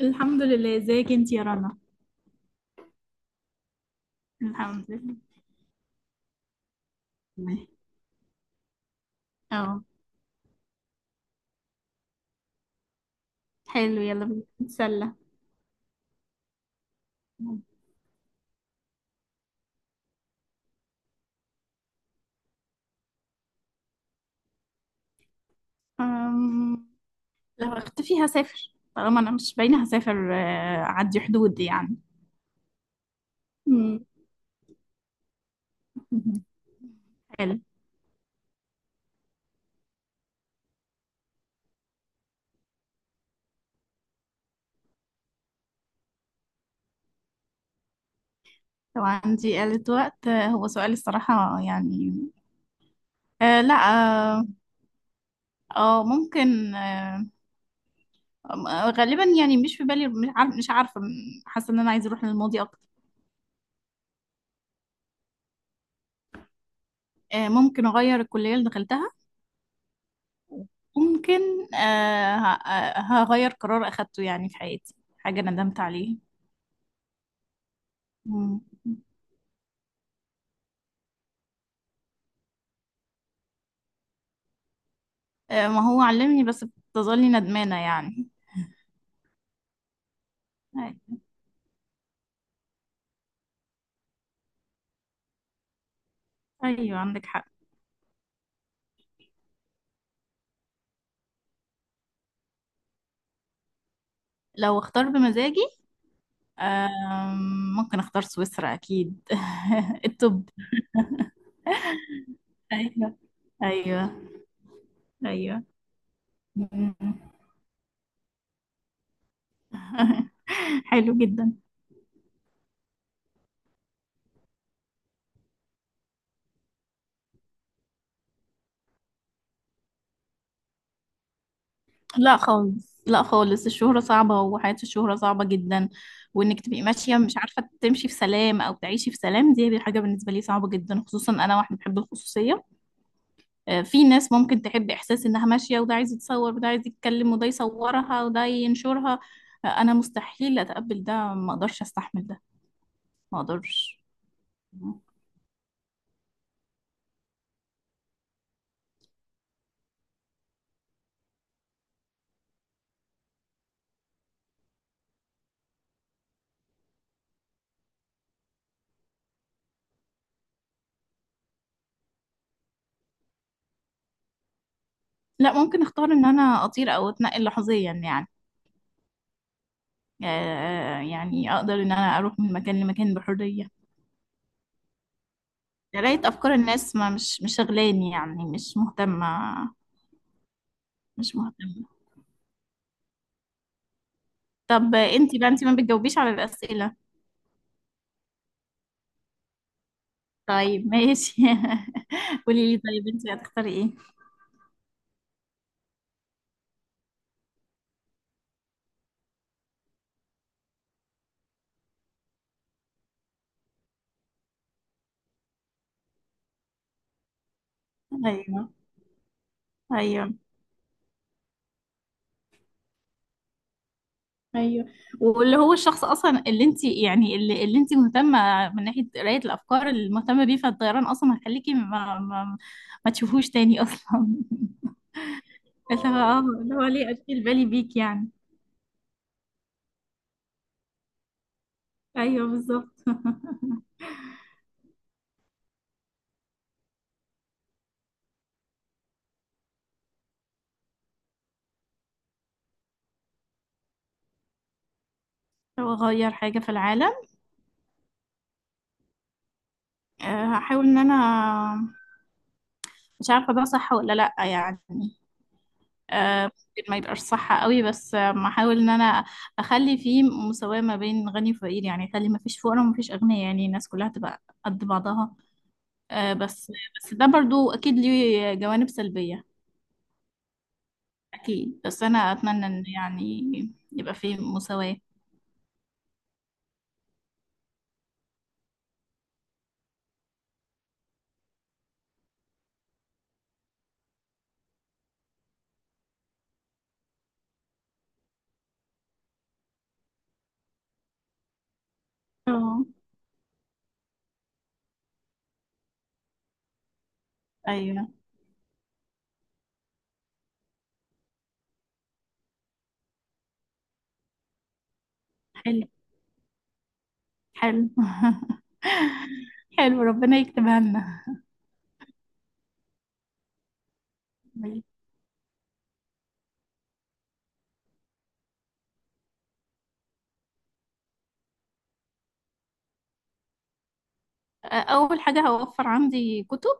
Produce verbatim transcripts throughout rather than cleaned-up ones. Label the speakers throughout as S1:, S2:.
S1: الحمد لله. ازيك انت يا رنا؟ الحمد لله. تمام. اه. حلو، يلا بينا نتسلى. أم... لو اختفي هسافر، طالما انا مش باينه هسافر، آه، اعدي حدود يعني. مم. حلو. لو عندي آلة وقت، آه، هو سؤال الصراحة يعني. آه لا اه آه، ممكن. آه آه، غالبا يعني، مش في بالي، مش عارف مش عارفة. حاسة ان انا عايزة اروح للماضي اكتر. آه ممكن اغير الكلية اللي دخلتها. ممكن. آه ه- آه، هغير قرار أخدته يعني في حياتي، حاجة ندمت عليها. مم. آه، ما هو علمني، بس بتظلي ندمانة يعني. أي- أيوة، عندك حق. لو اختار بمزاجي، آه، ممكن اختار سويسرا أكيد الطب. أيوة. أيوة. أيوة. مم. حلو جدا. لا خالص، لا خالص، الشهرة صعبة، وحياة الشهرة صعبة جدا. وانك تبقي ماشية مش عارفة تمشي في سلام او تعيشي في سلام، دي حاجة بالنسبة لي صعبة جدا، خصوصا انا واحدة بحب الخصوصية. آه، في ناس ممكن تحب احساس انها ماشية، وده عايز يتصور، وده عايز يتكلم، وده يصورها، وده ينشرها. آه، انا مستحيل اتقبل ده، ما اقدرش استحمل ده، ما اقدرش. لا، ممكن اختار ان انا اطير او اتنقل لحظيا يعني. آه، يعني اقدر ان انا اروح من مكان لمكان بحرية. قراية أفكار الناس ما مش مش شغلاني يعني، مش مهتمة. مش مهتمة. طب انتي بقى، انتي ما بتجاوبيش على الأسئلة؟ طيب ماشي. قولي لي، طيب انتي هتختاري ايه؟ ايوه. ايوه. ايوه. واللي هو الشخص اصلا اللي انت يعني اللي, اللي انت مهتمه من ناحيه قرايه الافكار اللي مهتمه بيه، فالطيران اصلا هيخليكي ما ما, ما تشوفوش تاني اصلا اللي هو اه، اللي هو ليه اشيل بالي بيك يعني. ايوه، بالظبط لو اغير حاجه في العالم، آه، هحاول ان انا، مش عارفه ده صح ولا لا يعني، آه، ممكن ما يبقاش صح قوي، بس آه، احاول ان انا اخلي فيه مساواه ما بين غني وفقير يعني، اخلي ما فيش فقراء وما فيش اغنياء، يعني الناس كلها تبقى قد بعضها. آه، بس بس ده برضو اكيد ليه جوانب سلبيه. اكيد، بس انا اتمنى ان يعني يبقى فيه مساواه. اه. ايوه. حلو. حلو. حلو، ربنا يكتبها لنا. أول حاجة هوفر عندي كتب،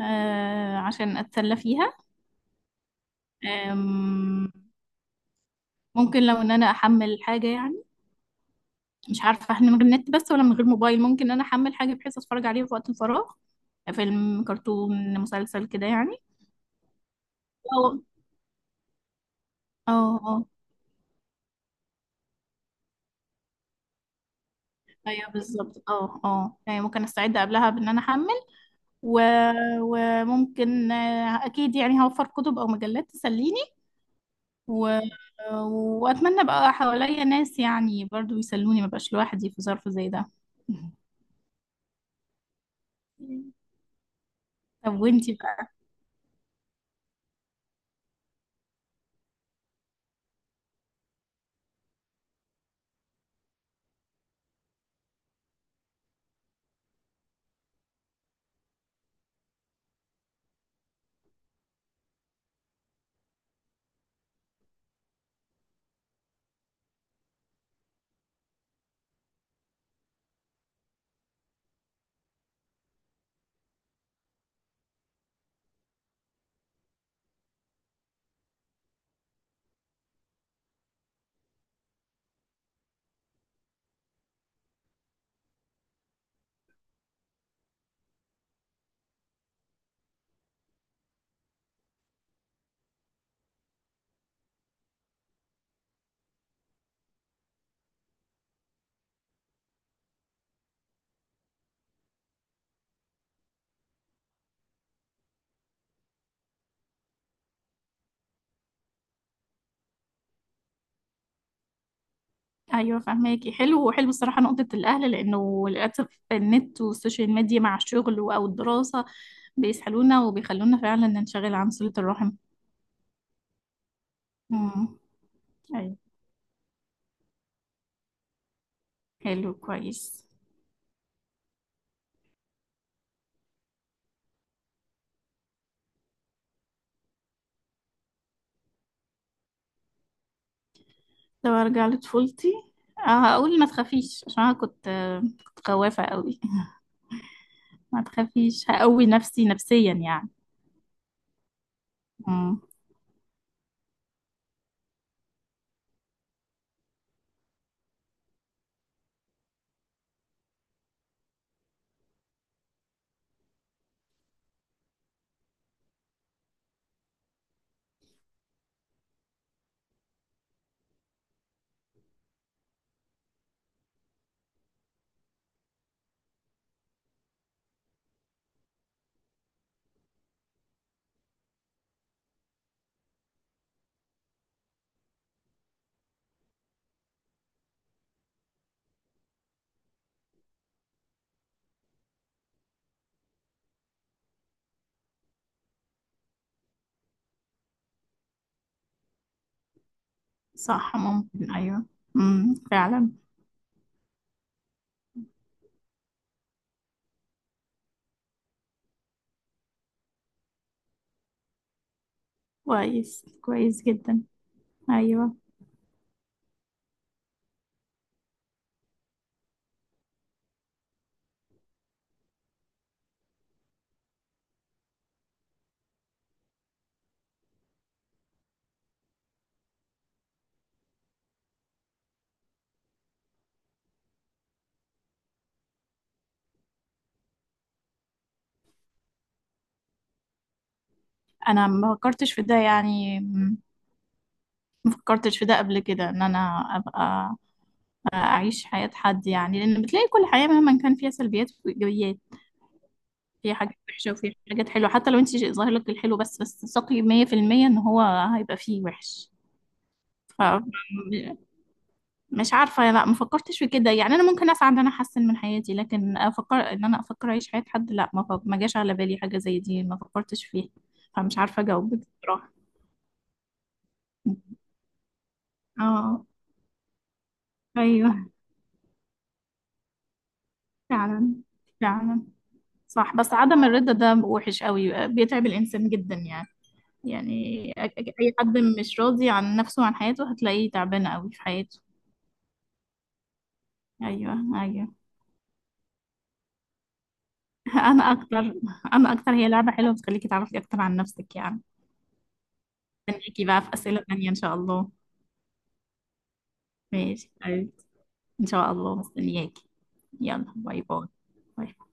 S1: آه، عشان أتسلى فيها. آم، ممكن لو إن أنا أحمل حاجة يعني، مش عارفة إحنا من غير نت بس ولا من غير موبايل، ممكن إن أنا أحمل حاجة بحيث أتفرج عليها في وقت الفراغ، فيلم، كرتون، مسلسل كده يعني. اه. اه. اه. ايوه بالظبط، اه اه يعني ممكن استعد قبلها بان انا احمل. و... وممكن آه، اكيد يعني هوفر كتب او مجلات تسليني. و... واتمنى بقى حواليا ناس يعني برضو يسلوني، ما بقاش لوحدي في ظرف زي ده. طب وانتي بقى؟ ايوه فهماكي، حلو. وحلو الصراحه نقطه الاهل، لانه للاسف النت والسوشيال ميديا مع الشغل و- او الدراسه بيسحلونا وبيخلونا فعلا ننشغل عن صله الرحم. امم. ايوه. حلو كويس. لو ارجع لطفولتي، آه، هقول ما تخافيش، عشان انا كنت آه، كنت خوافه قوي ما تخافيش، هقوي نفسي نفسيا يعني. امم. صح، ممكن ايوه. امم. فعلا. كويس كويس جدا. ايوه. انا ما فكرتش في ده يعني، فكرتش في ده قبل كده، ان انا ابقى اعيش حياة حد يعني، لان بتلاقي كل حياة مهما كان فيها سلبيات وايجابيات، فيها حاجات وحشة وفيها حاجات حلوة، حتى لو انت ظاهر لك الحلو، بس بس ثقي مية في المية ان هو هيبقى فيه وحش. ف مش عارفة، لا ما فكرتش في كده يعني. انا ممكن اسعى ان انا احسن من حياتي، لكن افكر ان انا افكر اعيش حياة حد، لا، ما ف- ما جاش على بالي حاجة زي دي، ما فكرتش فيها. فمش عارفة اجاوبك بصراحة. اه. ايوه. فعلا. فعلا صح. بس عدم الرضا ده وحش قوي، بيتعب الإنسان جدا يعني. يعني أك- أي حد مش راضي عن نفسه وعن حياته هتلاقيه تعبان قوي في حياته. أيوه. أيوه. أنا أكتر. أنا أكتر، هي لعبة حلوة بتخليكي تعرفي أكتر عن نفسك يعني. مستنياكي بقى في أسئلة تانية إن شاء الله. ماشي أيوة. إن شاء الله مستنياكي. يلا، باي باي. باي.